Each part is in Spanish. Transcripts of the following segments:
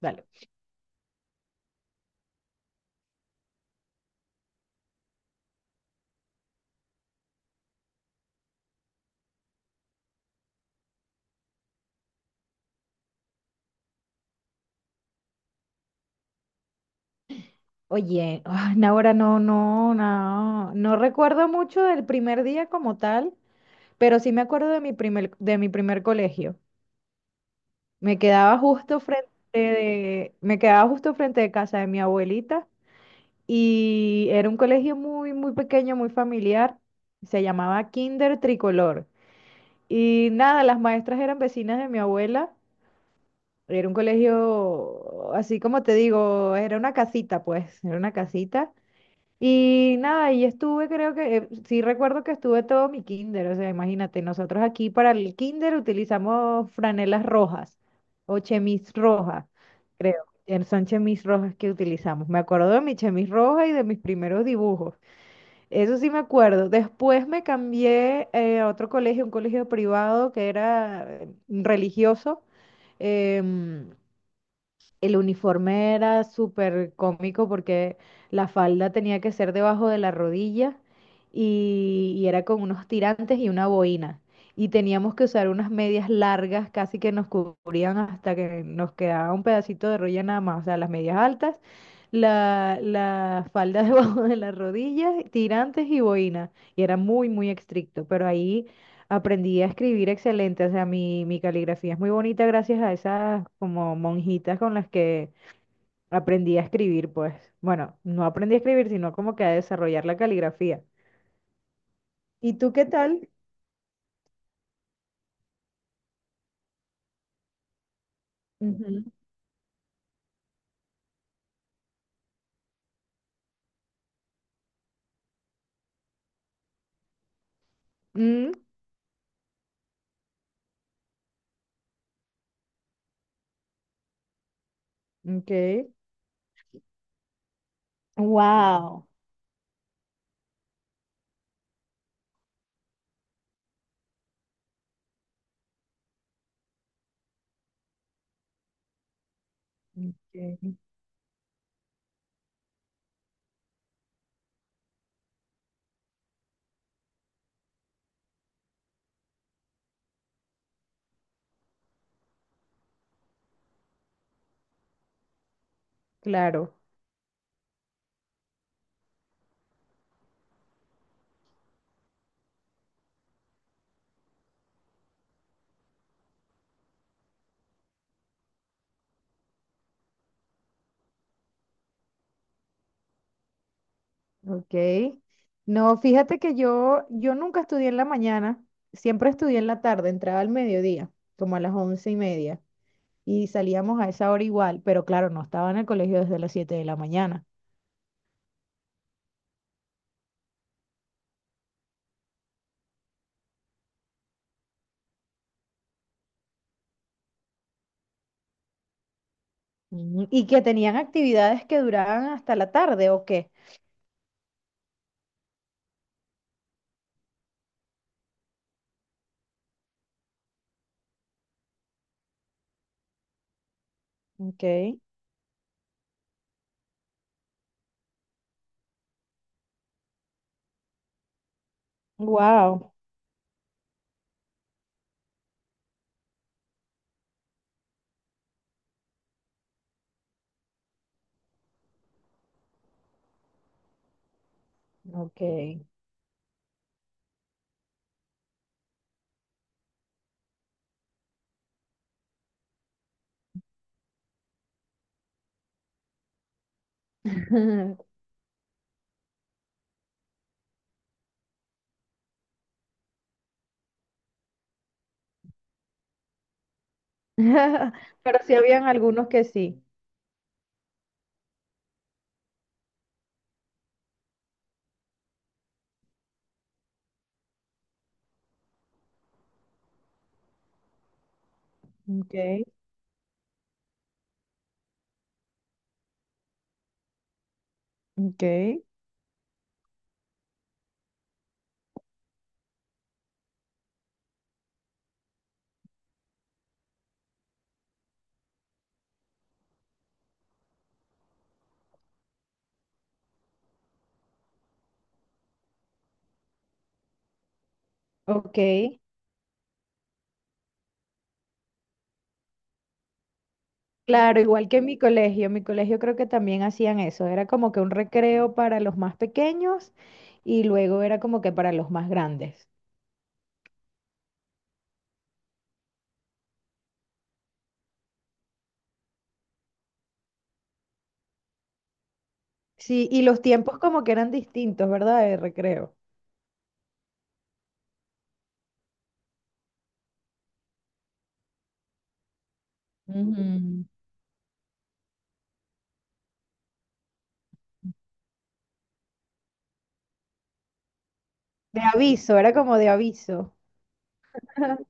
Dale. Oye, ah, no, ahora no, no, no, no recuerdo mucho del primer día como tal, pero sí me acuerdo de mi primer colegio. Me quedaba justo frente de, me quedaba justo frente de casa de mi abuelita y era un colegio muy, muy pequeño, muy familiar. Se llamaba Kinder Tricolor. Y nada, las maestras eran vecinas de mi abuela. Era un colegio, así como te digo, era una casita, pues, era una casita. Y nada, y estuve, creo que, sí recuerdo que estuve todo mi kinder, o sea, imagínate, nosotros aquí para el kinder utilizamos franelas rojas o chemis roja, creo. Son chemis rojas que utilizamos. Me acuerdo de mi chemis roja y de mis primeros dibujos. Eso sí me acuerdo. Después me cambié a otro colegio, un colegio privado que era religioso. em, el uniforme era súper cómico porque la falda tenía que ser debajo de la rodilla y era con unos tirantes y una boina. Y teníamos que usar unas medias largas, casi que nos cubrían hasta que nos quedaba un pedacito de rodilla nada más. O sea, las medias altas, la falda debajo de la rodilla, tirantes y boina. Y era muy, muy estricto. Pero ahí aprendí a escribir excelente, o sea, mi caligrafía es muy bonita gracias a esas como monjitas con las que aprendí a escribir, pues. Bueno, no aprendí a escribir, sino como que a desarrollar la caligrafía. ¿Y tú qué tal? Ujú. Mm, ok. Wow. Ok, claro, ok. No, fíjate que yo nunca estudié en la mañana, siempre estudié en la tarde, entraba al mediodía, como a las 11:30. Y salíamos a esa hora igual, pero claro, no estaba en el colegio desde las 7 de la mañana. Ujú. ¿Y que tenían actividades que duraban hasta la tarde, o qué? Ok, wow, ok. Pero sí habían algunos que sí. Okay, okay, okay, claro, igual que en mi colegio creo que también hacían eso, era como que un recreo para los más pequeños y luego era como que para los más grandes. Sí, y los tiempos como que eran distintos, ¿verdad? De recreo. Ujú. De aviso, era como de aviso.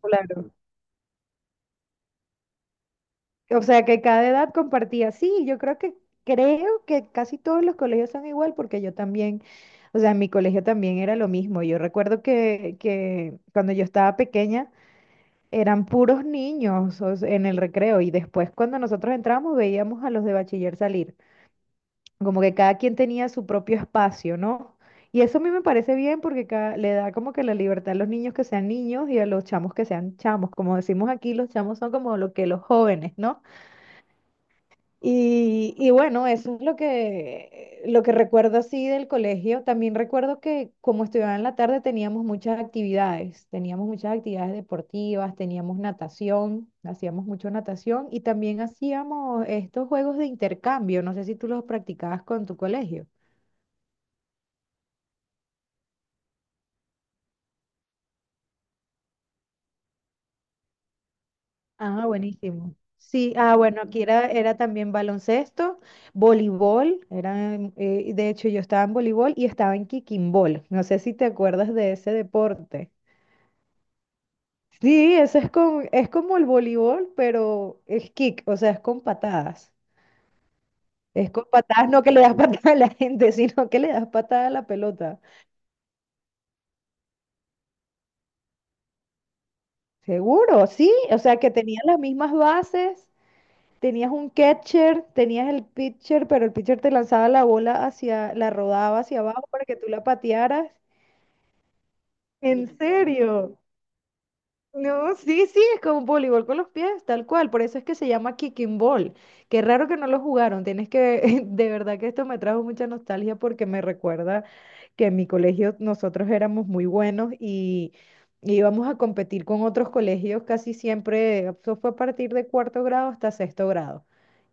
Claro. O sea, que cada edad compartía. Sí, yo creo que casi todos los colegios son igual porque yo también, o sea, en mi colegio también era lo mismo. Yo recuerdo que cuando yo estaba pequeña eran puros niños, o sea, en el recreo, y después cuando nosotros entrábamos veíamos a los de bachiller salir. Como que cada quien tenía su propio espacio, ¿no? Y eso a mí me parece bien porque le da como que la libertad a los niños que sean niños y a los chamos que sean chamos. Como decimos aquí, los chamos son como lo que los jóvenes, ¿no? Y bueno, eso es lo que recuerdo así del colegio. También recuerdo que como estudiaba en la tarde teníamos muchas actividades deportivas, teníamos natación, hacíamos mucho natación y también hacíamos estos juegos de intercambio. No sé si tú los practicabas con tu colegio. Ah, buenísimo. Sí, ah, bueno, aquí era también baloncesto, voleibol, de hecho yo estaba en voleibol y estaba en kickimball. No sé si te acuerdas de ese deporte. Sí, eso es como el voleibol, pero es kick, o sea, es con patadas. Es con patadas, no que le das patada a la gente, sino que le das patada a la pelota. Seguro, sí, o sea, que tenían las mismas bases. Tenías un catcher, tenías el pitcher, pero el pitcher te lanzaba la bola hacia, la rodaba hacia abajo para que tú la patearas. ¿En serio? No, sí, sí, es como voleibol con los pies, tal cual. Por eso es que se llama kicking ball. Qué raro que no lo jugaron. Tienes que, de verdad que esto me trajo mucha nostalgia porque me recuerda que en mi colegio nosotros éramos muy buenos y íbamos a competir con otros colegios casi siempre. Eso fue a partir de cuarto grado hasta sexto grado.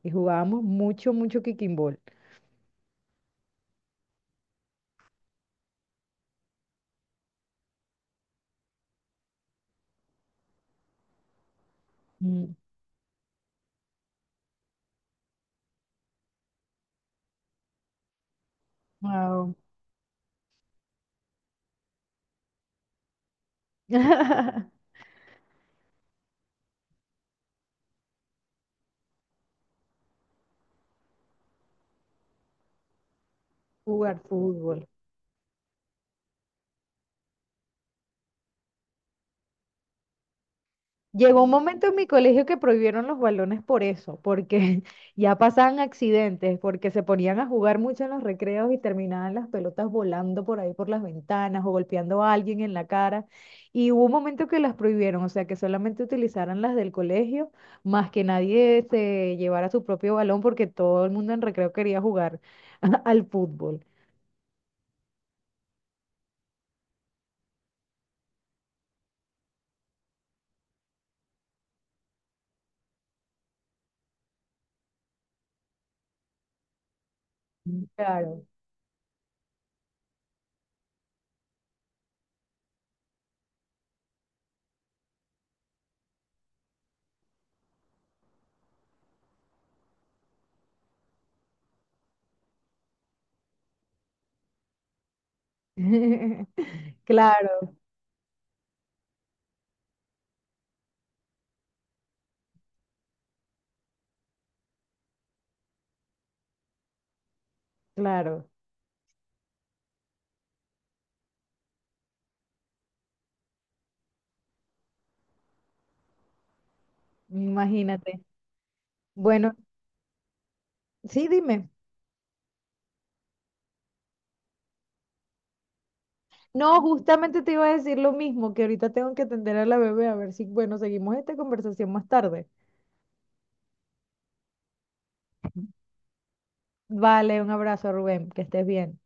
Y jugábamos mucho, mucho kicking ball. Mm. Wow. Jugar fútbol. Llegó un momento en mi colegio que prohibieron los balones por eso, porque ya pasaban accidentes, porque se ponían a jugar mucho en los recreos y terminaban las pelotas volando por ahí por las ventanas o golpeando a alguien en la cara. Y hubo un momento que las prohibieron, o sea, que solamente utilizaran las del colegio, más que nadie se llevara su propio balón porque todo el mundo en recreo quería jugar al fútbol. Claro. Claro, claro, imagínate. Bueno, sí, dime. No, justamente te iba a decir lo mismo, que ahorita tengo que atender a la bebé a ver si, bueno, seguimos esta conversación más tarde. Vale, un abrazo, Rubén, que estés bien.